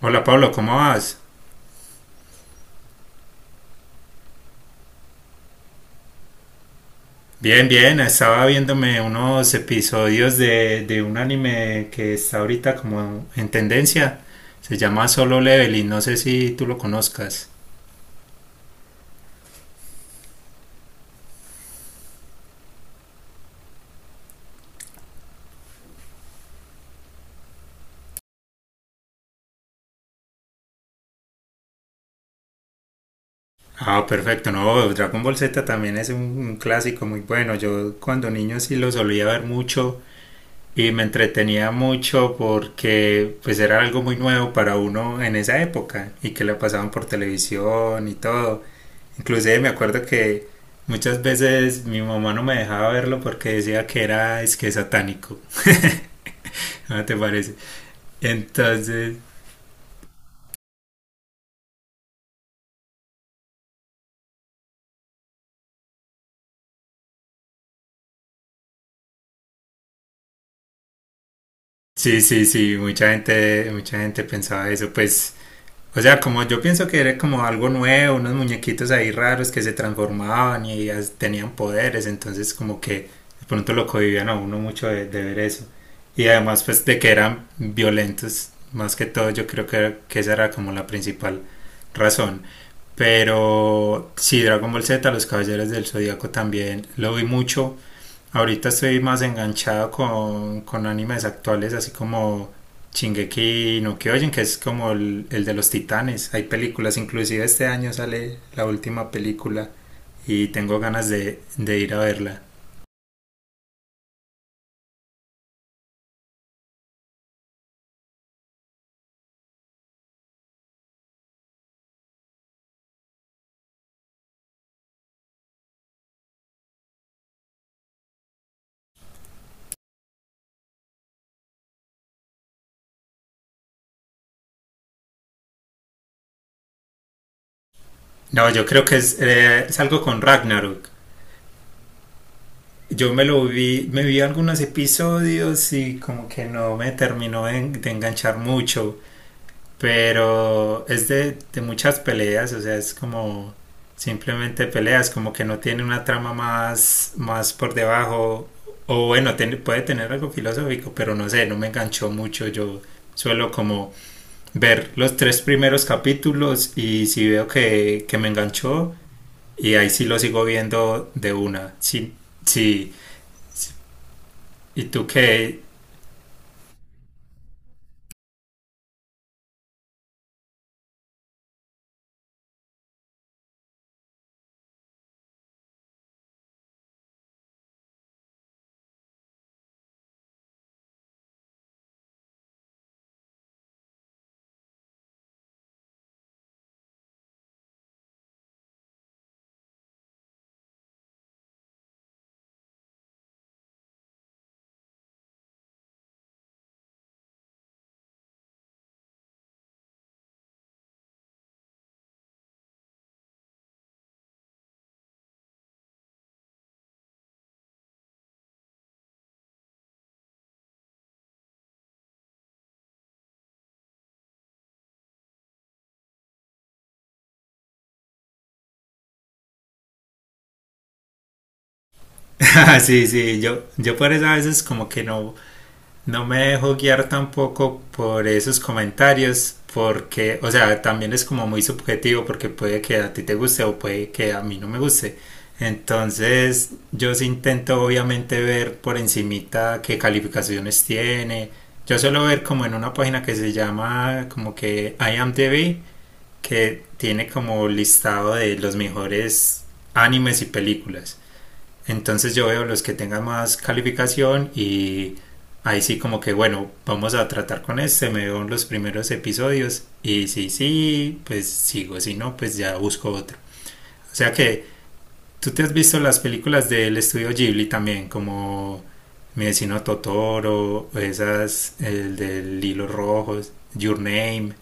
Hola Pablo, ¿cómo vas? Bien, bien, estaba viéndome unos episodios de un anime que está ahorita como en tendencia. Se llama Solo Leveling, no sé si tú lo conozcas. Ah, perfecto, no, Dragon Ball Z también es un clásico muy bueno. Yo cuando niño sí lo solía ver mucho y me entretenía mucho porque pues era algo muy nuevo para uno en esa época y que la pasaban por televisión y todo. Inclusive me acuerdo que muchas veces mi mamá no me dejaba verlo porque decía que era es que satánico. ¿No te parece? Entonces, sí, sí, sí, mucha gente pensaba eso, pues o sea, como yo pienso que era como algo nuevo, unos muñequitos ahí raros que se transformaban y tenían poderes, entonces como que de pronto lo cohibían a uno mucho de ver eso. Y además pues de que eran violentos, más que todo yo creo que esa era como la principal razón. Pero sí, Dragon Ball Z, Los Caballeros del Zodíaco también lo vi mucho. Ahorita estoy más enganchado con animes actuales, así como Shingeki no Kyojin, que es como el de los titanes. Hay películas, inclusive este año sale la última película y tengo ganas de ir a verla. No, yo creo que es algo con Ragnarok. Yo me lo vi, me vi algunos episodios y como que no me terminó de enganchar mucho. Pero es de muchas peleas, o sea, es como simplemente peleas, como que no tiene una trama más, más por debajo. O bueno, puede tener algo filosófico, pero no sé, no me enganchó mucho. Yo suelo como ver los tres primeros capítulos y si veo que me enganchó, y ahí sí lo sigo viendo de una. Sí, sí. ¿Y tú qué? Sí, sí, yo por eso a veces como que no, no me dejo guiar tampoco por esos comentarios, porque, o sea, también es como muy subjetivo, porque puede que a ti te guste o puede que a mí no me guste. Entonces, yo sí intento obviamente ver por encimita qué calificaciones tiene. Yo suelo ver como en una página que se llama como que IMDb, que tiene como listado de los mejores animes y películas. Entonces yo veo los que tengan más calificación y ahí sí como que bueno, vamos a tratar con este, me veo en los primeros episodios y si sí, pues sigo, si no, pues ya busco otro. O sea que tú te has visto las películas del estudio Ghibli también, como Mi vecino Totoro, esas, el del hilo rojo, Your Name.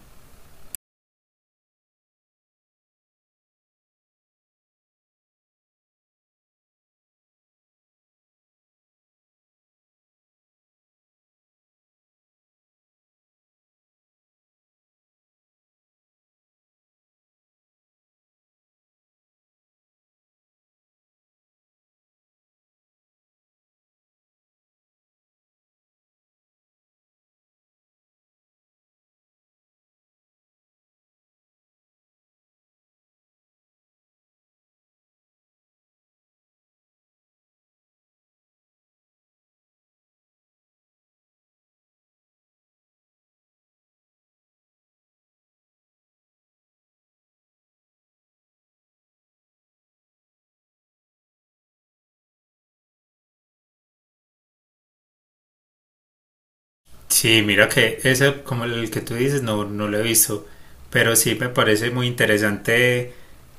Sí, mira que ese, como el que tú dices, no, no lo he visto, pero sí me parece muy interesante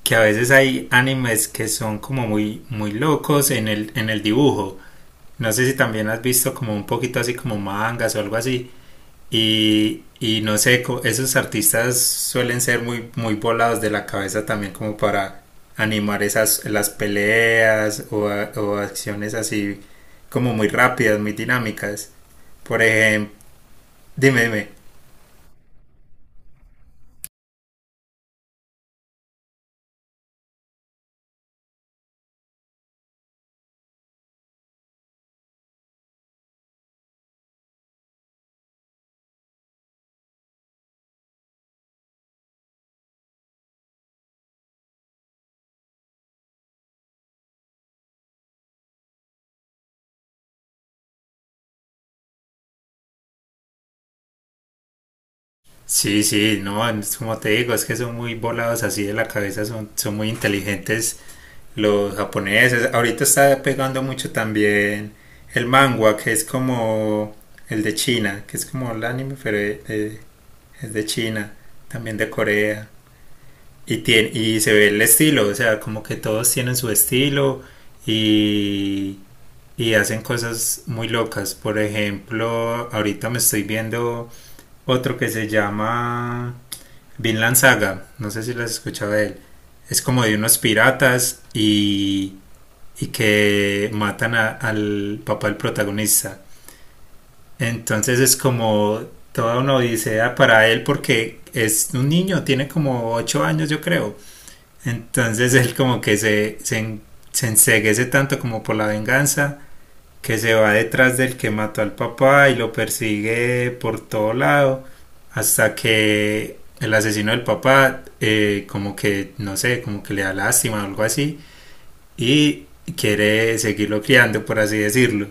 que a veces hay animes que son como muy, muy locos en el dibujo. No sé si también has visto como un poquito así como mangas o algo así. Y no sé, esos artistas suelen ser muy, muy volados de la cabeza también como para animar esas, las peleas o, o acciones así como muy rápidas, muy dinámicas. Por ejemplo, dime, dime. Sí, sí, no, es como te digo, es que son muy volados así de la cabeza, son, son muy inteligentes los japoneses. Ahorita está pegando mucho también el manga, que es como el de China, que es como el anime, pero es de China, también de Corea. Y, tiene, y se ve el estilo, o sea, como que todos tienen su estilo y, y hacen cosas muy locas. Por ejemplo, ahorita me estoy viendo otro que se llama Vinland Saga, no sé si lo has escuchado de él. Es como de unos piratas y que matan al papá del protagonista. Entonces es como toda una odisea para él porque es un niño, tiene como 8 años yo creo. Entonces él como que se, se enceguece tanto como por la venganza que se va detrás del que mató al papá y lo persigue por todo lado hasta que el asesino del papá, como que no sé como que le da lástima o algo así y quiere seguirlo criando por así decirlo,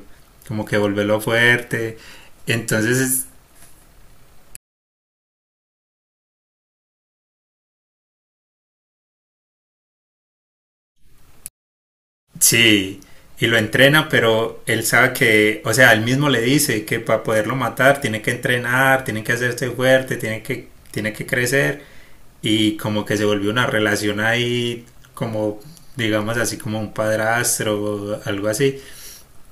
como que volverlo fuerte. Entonces sí, y lo entrena, pero él sabe que, o sea, él mismo le dice que para poderlo matar tiene que entrenar, tiene que hacerse fuerte, tiene que crecer y como que se volvió una relación ahí como, digamos, así como un padrastro o algo así.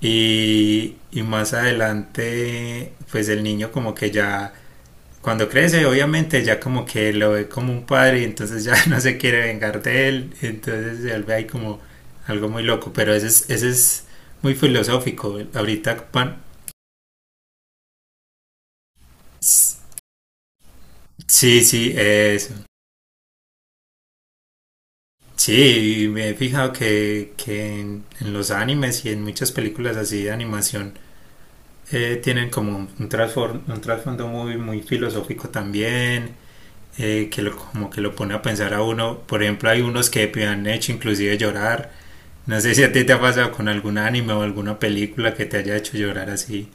Y, y más adelante pues el niño como que ya cuando crece obviamente ya como que lo ve como un padre y entonces ya no se quiere vengar de él, entonces se vuelve ahí como algo muy loco, pero ese es muy filosófico ahorita pan. Sí, sí, eso. Sí, me he fijado que en los animes y en muchas películas así de animación, tienen como un un trasfondo muy, muy filosófico también, que lo, como que lo pone a pensar a uno. Por ejemplo, hay unos que me han hecho inclusive llorar. No sé si a ti te ha pasado con algún anime o alguna película que te haya hecho llorar así.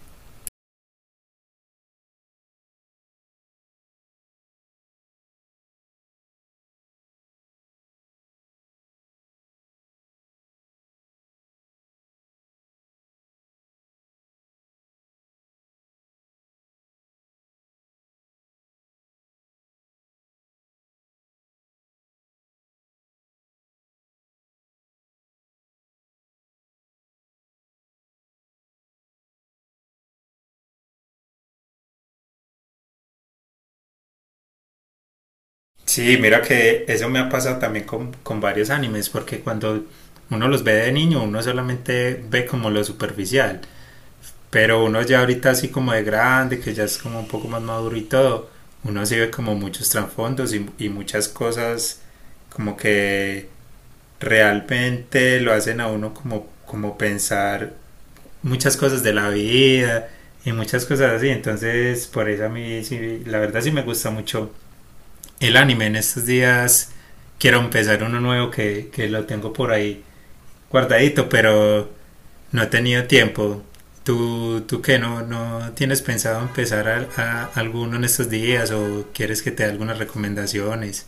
Sí, mira que eso me ha pasado también con varios animes, porque cuando uno los ve de niño, uno solamente ve como lo superficial, pero uno ya ahorita así como de grande, que ya es como un poco más maduro y todo, uno sí ve como muchos trasfondos y muchas cosas como que realmente lo hacen a uno como, como pensar muchas cosas de la vida y muchas cosas así, entonces por eso a mí sí, la verdad sí me gusta mucho el anime en estos días. Quiero empezar uno nuevo que lo tengo por ahí guardadito, pero no he tenido tiempo. ¿Tú, tú qué? ¿No, no tienes pensado empezar a alguno en estos días o quieres que te dé algunas recomendaciones?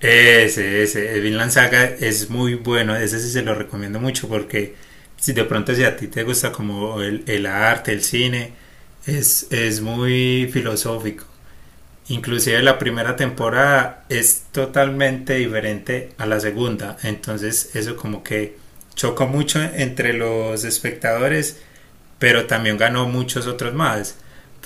Ese, el Vinland Saga es muy bueno, ese sí se lo recomiendo mucho porque si de pronto si a ti te gusta como el arte, el cine, es muy filosófico. Inclusive la primera temporada es totalmente diferente a la segunda, entonces eso como que chocó mucho entre los espectadores, pero también ganó muchos otros más,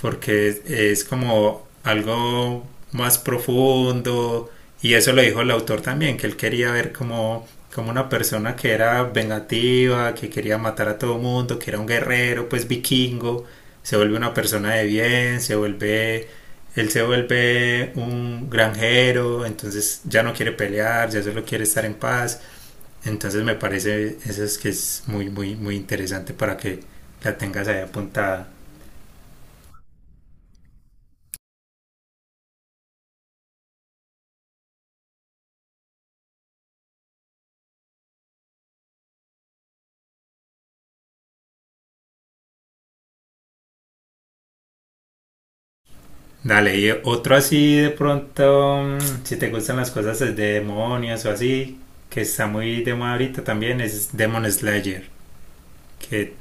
porque es como algo más profundo y eso lo dijo el autor también, que él quería ver como, como una persona que era vengativa, que quería matar a todo mundo, que era un guerrero, pues vikingo, se vuelve una persona de bien, se vuelve, él se vuelve un granjero, entonces ya no quiere pelear, ya solo quiere estar en paz. Entonces me parece eso es que es muy, muy, muy interesante para que la tengas ahí apuntada. Dale, y otro así de pronto, si te gustan las cosas de demonios o así, que está muy de moda ahorita también, es Demon Slayer, que,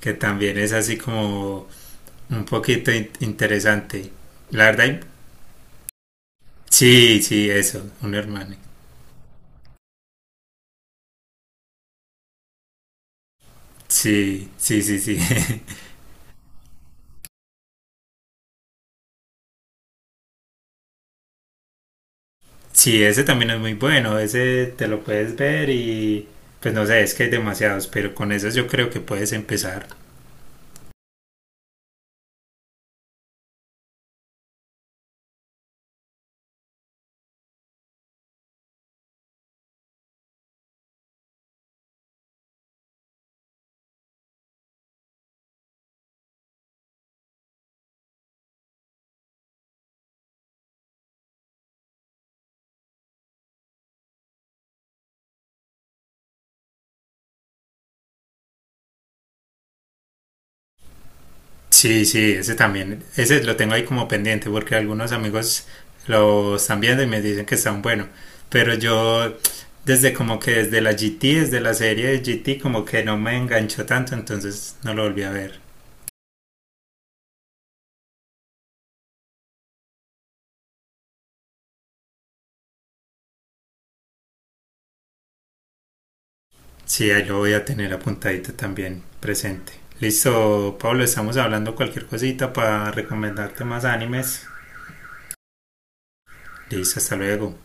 que también es así como un poquito interesante. La verdad, sí, sí, eso, un hermano. Sí, sí, sí, sí. Sí, ese también es muy bueno, ese te lo puedes ver y pues no sé, es que hay demasiados, pero con esos yo creo que puedes empezar. Sí, sí, ese también, ese lo tengo ahí como pendiente porque algunos amigos lo están viendo y me dicen que están bueno, pero yo desde como que desde la GT, desde la serie de GT como que no me enganchó tanto, entonces no lo volví a ver. Sí, ahí lo voy a tener apuntadito también presente. Listo, Pablo, estamos hablando cualquier cosita para recomendarte más animes. Liz, hasta luego.